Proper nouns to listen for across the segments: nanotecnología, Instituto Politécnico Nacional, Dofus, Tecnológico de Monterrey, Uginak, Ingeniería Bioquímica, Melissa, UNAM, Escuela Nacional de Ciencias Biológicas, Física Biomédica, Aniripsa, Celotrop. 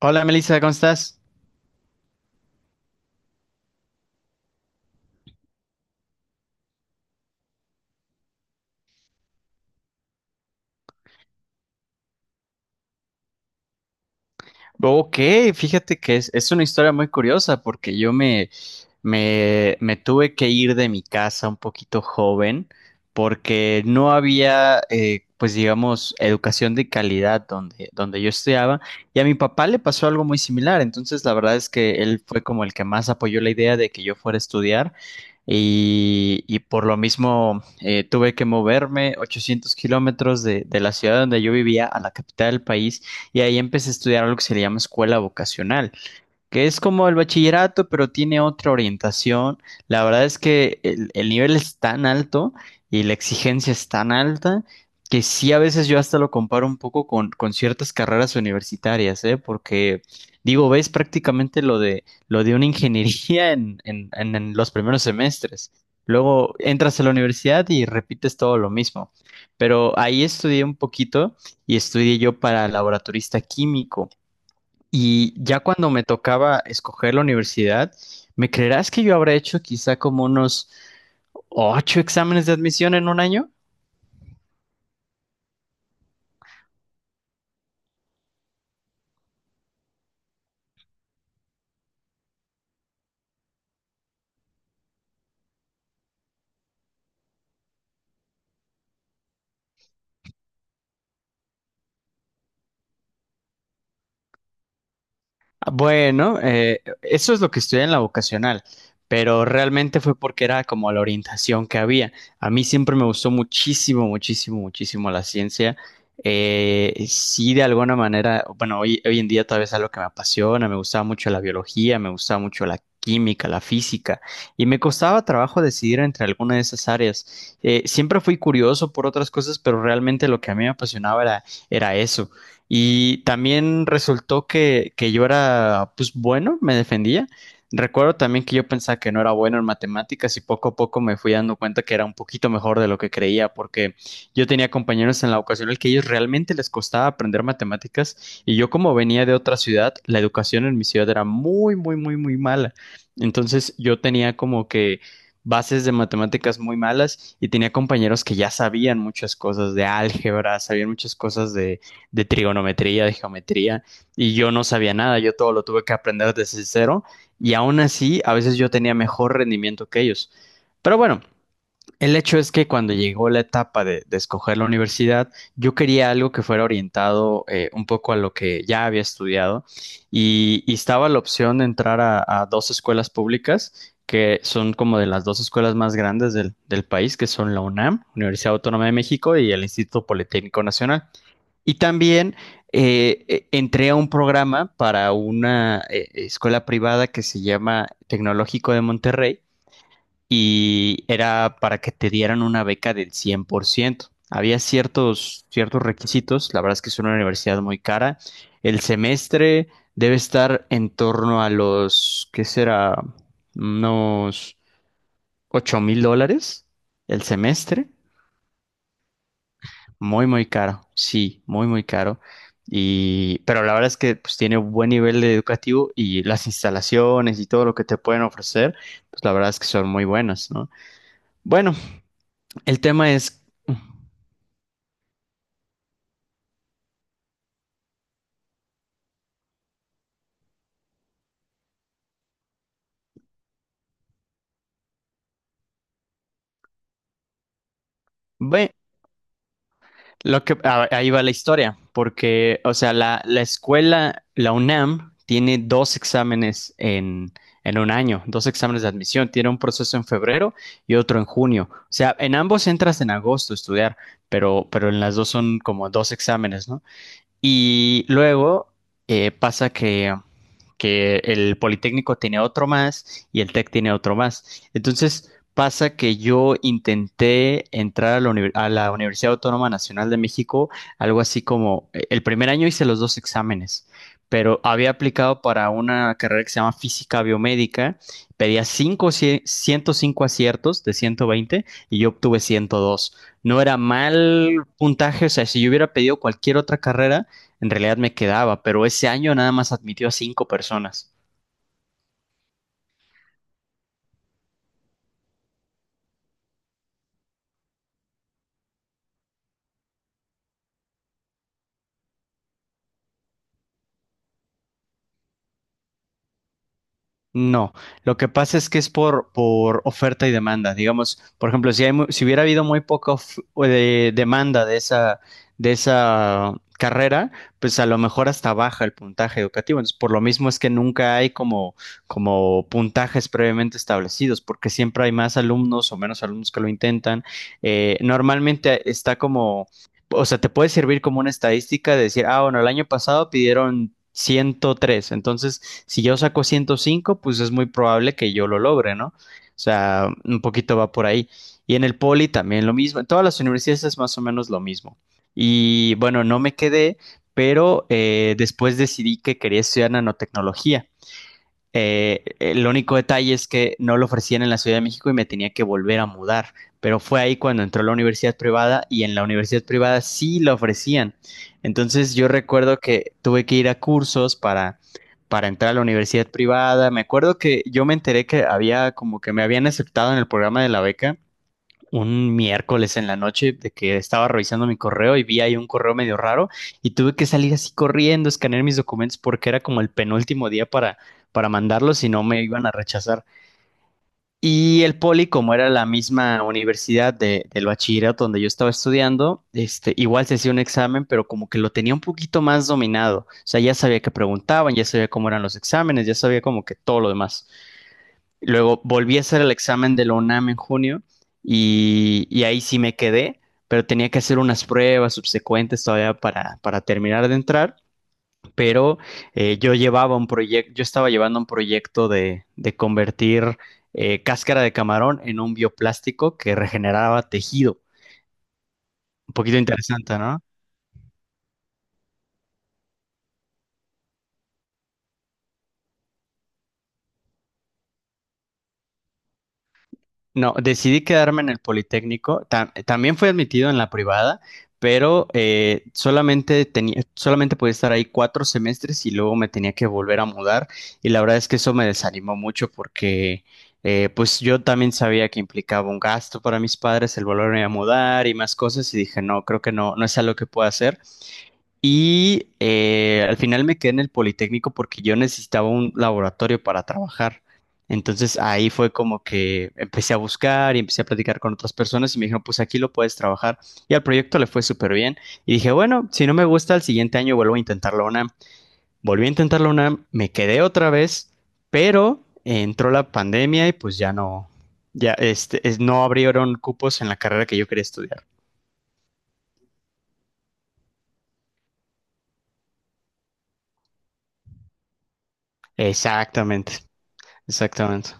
Hola, Melissa, ¿cómo estás? Ok, fíjate que es una historia muy curiosa porque yo me tuve que ir de mi casa un poquito joven porque no había, pues digamos, educación de calidad donde yo estudiaba. Y a mi papá le pasó algo muy similar, entonces la verdad es que él fue como el que más apoyó la idea de que yo fuera a estudiar. Y por lo mismo, tuve que moverme 800 kilómetros de la ciudad donde yo vivía a la capital del país. Y ahí empecé a estudiar lo que se le llama escuela vocacional, que es como el bachillerato, pero tiene otra orientación. La verdad es que el nivel es tan alto y la exigencia es tan alta que sí, a veces yo hasta lo comparo un poco con ciertas carreras universitarias, ¿eh? Porque digo, ves prácticamente lo de una ingeniería en los primeros semestres. Luego entras a la universidad y repites todo lo mismo. Pero ahí estudié un poquito y estudié yo para laboratorista químico. Y ya cuando me tocaba escoger la universidad, ¿me creerás que yo habré hecho quizá como unos ocho exámenes de admisión en un año? Bueno, eso es lo que estudié en la vocacional, pero realmente fue porque era como la orientación que había. A mí siempre me gustó muchísimo, muchísimo, muchísimo la ciencia. Sí, de alguna manera, bueno, hoy en día todavía es algo que me apasiona. Me gustaba mucho la biología, me gustaba mucho la química, la física, y me costaba trabajo decidir entre alguna de esas áreas. Siempre fui curioso por otras cosas, pero realmente lo que a mí me apasionaba era eso. Y también resultó que yo era, pues bueno, me defendía. Recuerdo también que yo pensaba que no era bueno en matemáticas y poco a poco me fui dando cuenta que era un poquito mejor de lo que creía, porque yo tenía compañeros en la ocasión el que ellos realmente les costaba aprender matemáticas, y yo como venía de otra ciudad, la educación en mi ciudad era muy, muy, muy, muy mala. Entonces yo tenía como que bases de matemáticas muy malas, y tenía compañeros que ya sabían muchas cosas de álgebra, sabían muchas cosas de trigonometría, de geometría, y yo no sabía nada, yo todo lo tuve que aprender desde cero, y aún así a veces yo tenía mejor rendimiento que ellos. Pero bueno, el hecho es que cuando llegó la etapa de escoger la universidad, yo quería algo que fuera orientado, un poco a lo que ya había estudiado, y estaba la opción de entrar a dos escuelas públicas que son como de las dos escuelas más grandes del país, que son la UNAM, Universidad Autónoma de México, y el Instituto Politécnico Nacional. Y también entré a un programa para una escuela privada que se llama Tecnológico de Monterrey, y era para que te dieran una beca del 100%. Había ciertos requisitos. La verdad es que es una universidad muy cara. El semestre debe estar en torno a los, ¿qué será? Unos $8,000 el semestre. Muy, muy caro, sí, muy, muy caro. Y, pero la verdad es que pues tiene un buen nivel de educativo, y las instalaciones y todo lo que te pueden ofrecer, pues la verdad es que son muy buenas, ¿no? Bueno, el tema es ve- lo que ahí va la historia, porque, o sea, la escuela, la UNAM, tiene dos exámenes en un año, dos exámenes de admisión. Tiene un proceso en febrero y otro en junio. O sea, en ambos entras en agosto a estudiar, pero en las dos son como dos exámenes, ¿no? Y luego pasa que el Politécnico tiene otro más y el TEC tiene otro más. Entonces pasa que yo intenté entrar a la a la Universidad Autónoma Nacional de México, algo así como, el primer año hice los dos exámenes, pero había aplicado para una carrera que se llama Física Biomédica. Pedía cinco, 105 aciertos de 120, y yo obtuve 102. No era mal puntaje, o sea, si yo hubiera pedido cualquier otra carrera, en realidad me quedaba, pero ese año nada más admitió a cinco personas. No, lo que pasa es que es por oferta y demanda. Digamos, por ejemplo, si hay, si hubiera habido muy poca o demanda de de esa carrera, pues a lo mejor hasta baja el puntaje educativo. Entonces, por lo mismo es que nunca hay como puntajes previamente establecidos, porque siempre hay más alumnos o menos alumnos que lo intentan. Normalmente está o sea, te puede servir como una estadística de decir, ah, bueno, el año pasado pidieron 103, entonces si yo saco 105, pues es muy probable que yo lo logre, ¿no? O sea, un poquito va por ahí. Y en el poli también lo mismo. En todas las universidades es más o menos lo mismo. Y bueno, no me quedé, pero después decidí que quería estudiar nanotecnología. El único detalle es que no lo ofrecían en la Ciudad de México y me tenía que volver a mudar, pero fue ahí cuando entró a la universidad privada, y en la universidad privada sí lo ofrecían. Entonces yo recuerdo que tuve que ir a cursos para entrar a la universidad privada. Me acuerdo que yo me enteré que había como que me habían aceptado en el programa de la beca un miércoles en la noche, de que estaba revisando mi correo y vi ahí un correo medio raro, y tuve que salir así corriendo, escanear mis documentos, porque era como el penúltimo día para mandarlos si no me iban a rechazar. Y el poli, como era la misma universidad del bachillerato donde yo estaba estudiando, este, igual se hacía un examen, pero como que lo tenía un poquito más dominado. O sea, ya sabía que preguntaban, ya sabía cómo eran los exámenes, ya sabía como que todo lo demás. Luego volví a hacer el examen de la UNAM en junio, y ahí sí me quedé, pero tenía que hacer unas pruebas subsecuentes todavía para terminar de entrar. Pero yo llevaba un proyecto, yo estaba llevando un proyecto de convertir, cáscara de camarón en un bioplástico que regeneraba tejido. Un poquito interesante, ¿no? No, decidí quedarme en el Politécnico. También fui admitido en la privada, pero solamente tenía, solamente podía estar ahí cuatro semestres y luego me tenía que volver a mudar. Y la verdad es que eso me desanimó mucho porque, pues yo también sabía que implicaba un gasto para mis padres el volverme a mudar y más cosas, y dije, no, creo que no es algo que pueda hacer. Y al final me quedé en el Politécnico porque yo necesitaba un laboratorio para trabajar. Entonces ahí fue como que empecé a buscar y empecé a platicar con otras personas y me dijeron, pues aquí lo puedes trabajar. Y al proyecto le fue súper bien. Y dije, bueno, si no me gusta, el siguiente año vuelvo a intentar la UNAM. Volví a intentar la UNAM, me quedé otra vez, pero entró la pandemia y pues ya no, ya este, no abrieron cupos en la carrera que yo quería estudiar. Exactamente, exactamente.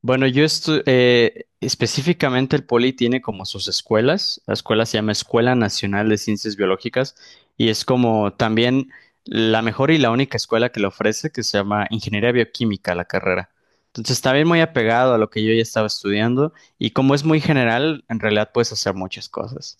Bueno, yo específicamente el Poli tiene como sus escuelas. La escuela se llama Escuela Nacional de Ciencias Biológicas, y es como también la mejor y la única escuela que le ofrece, que se llama Ingeniería Bioquímica, la carrera. Entonces, también muy apegado a lo que yo ya estaba estudiando, y como es muy general, en realidad puedes hacer muchas cosas.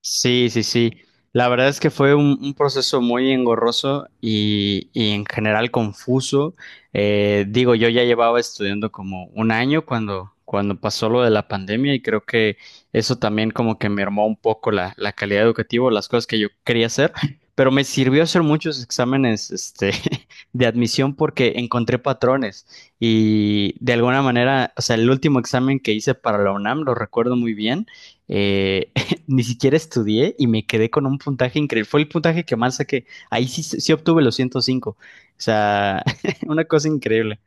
Sí, sí, sí. La verdad es que fue un proceso muy engorroso y en general confuso. Digo, yo ya llevaba estudiando como un año cuando pasó lo de la pandemia, y creo que eso también como que mermó un poco la calidad educativa, las cosas que yo quería hacer, pero me sirvió hacer muchos exámenes, este, de admisión, porque encontré patrones y de alguna manera, o sea, el último examen que hice para la UNAM, lo recuerdo muy bien. Eh, Ni siquiera estudié y me quedé con un puntaje increíble. Fue el puntaje que más saqué. Ahí sí, sí obtuve los 105. O sea, una cosa increíble.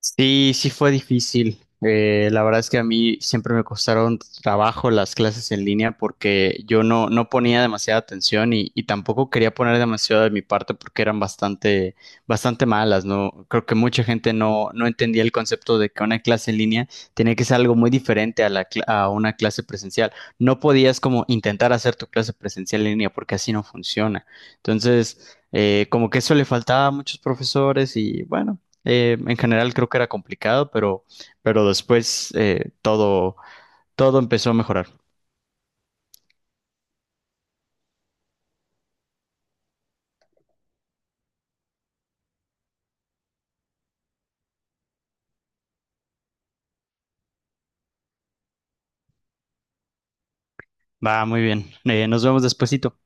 Sí, sí fue difícil. La verdad es que a mí siempre me costaron trabajo las clases en línea porque yo no ponía demasiada atención, y tampoco quería poner demasiado de mi parte porque eran bastante, bastante malas, ¿no? Creo que mucha gente no entendía el concepto de que una clase en línea tenía que ser algo muy diferente a la, a una clase presencial. No podías como intentar hacer tu clase presencial en línea porque así no funciona. Entonces como que eso le faltaba a muchos profesores y bueno, en general creo que era complicado, pero después, todo, todo empezó a mejorar. Va, muy bien. Nos vemos despuesito.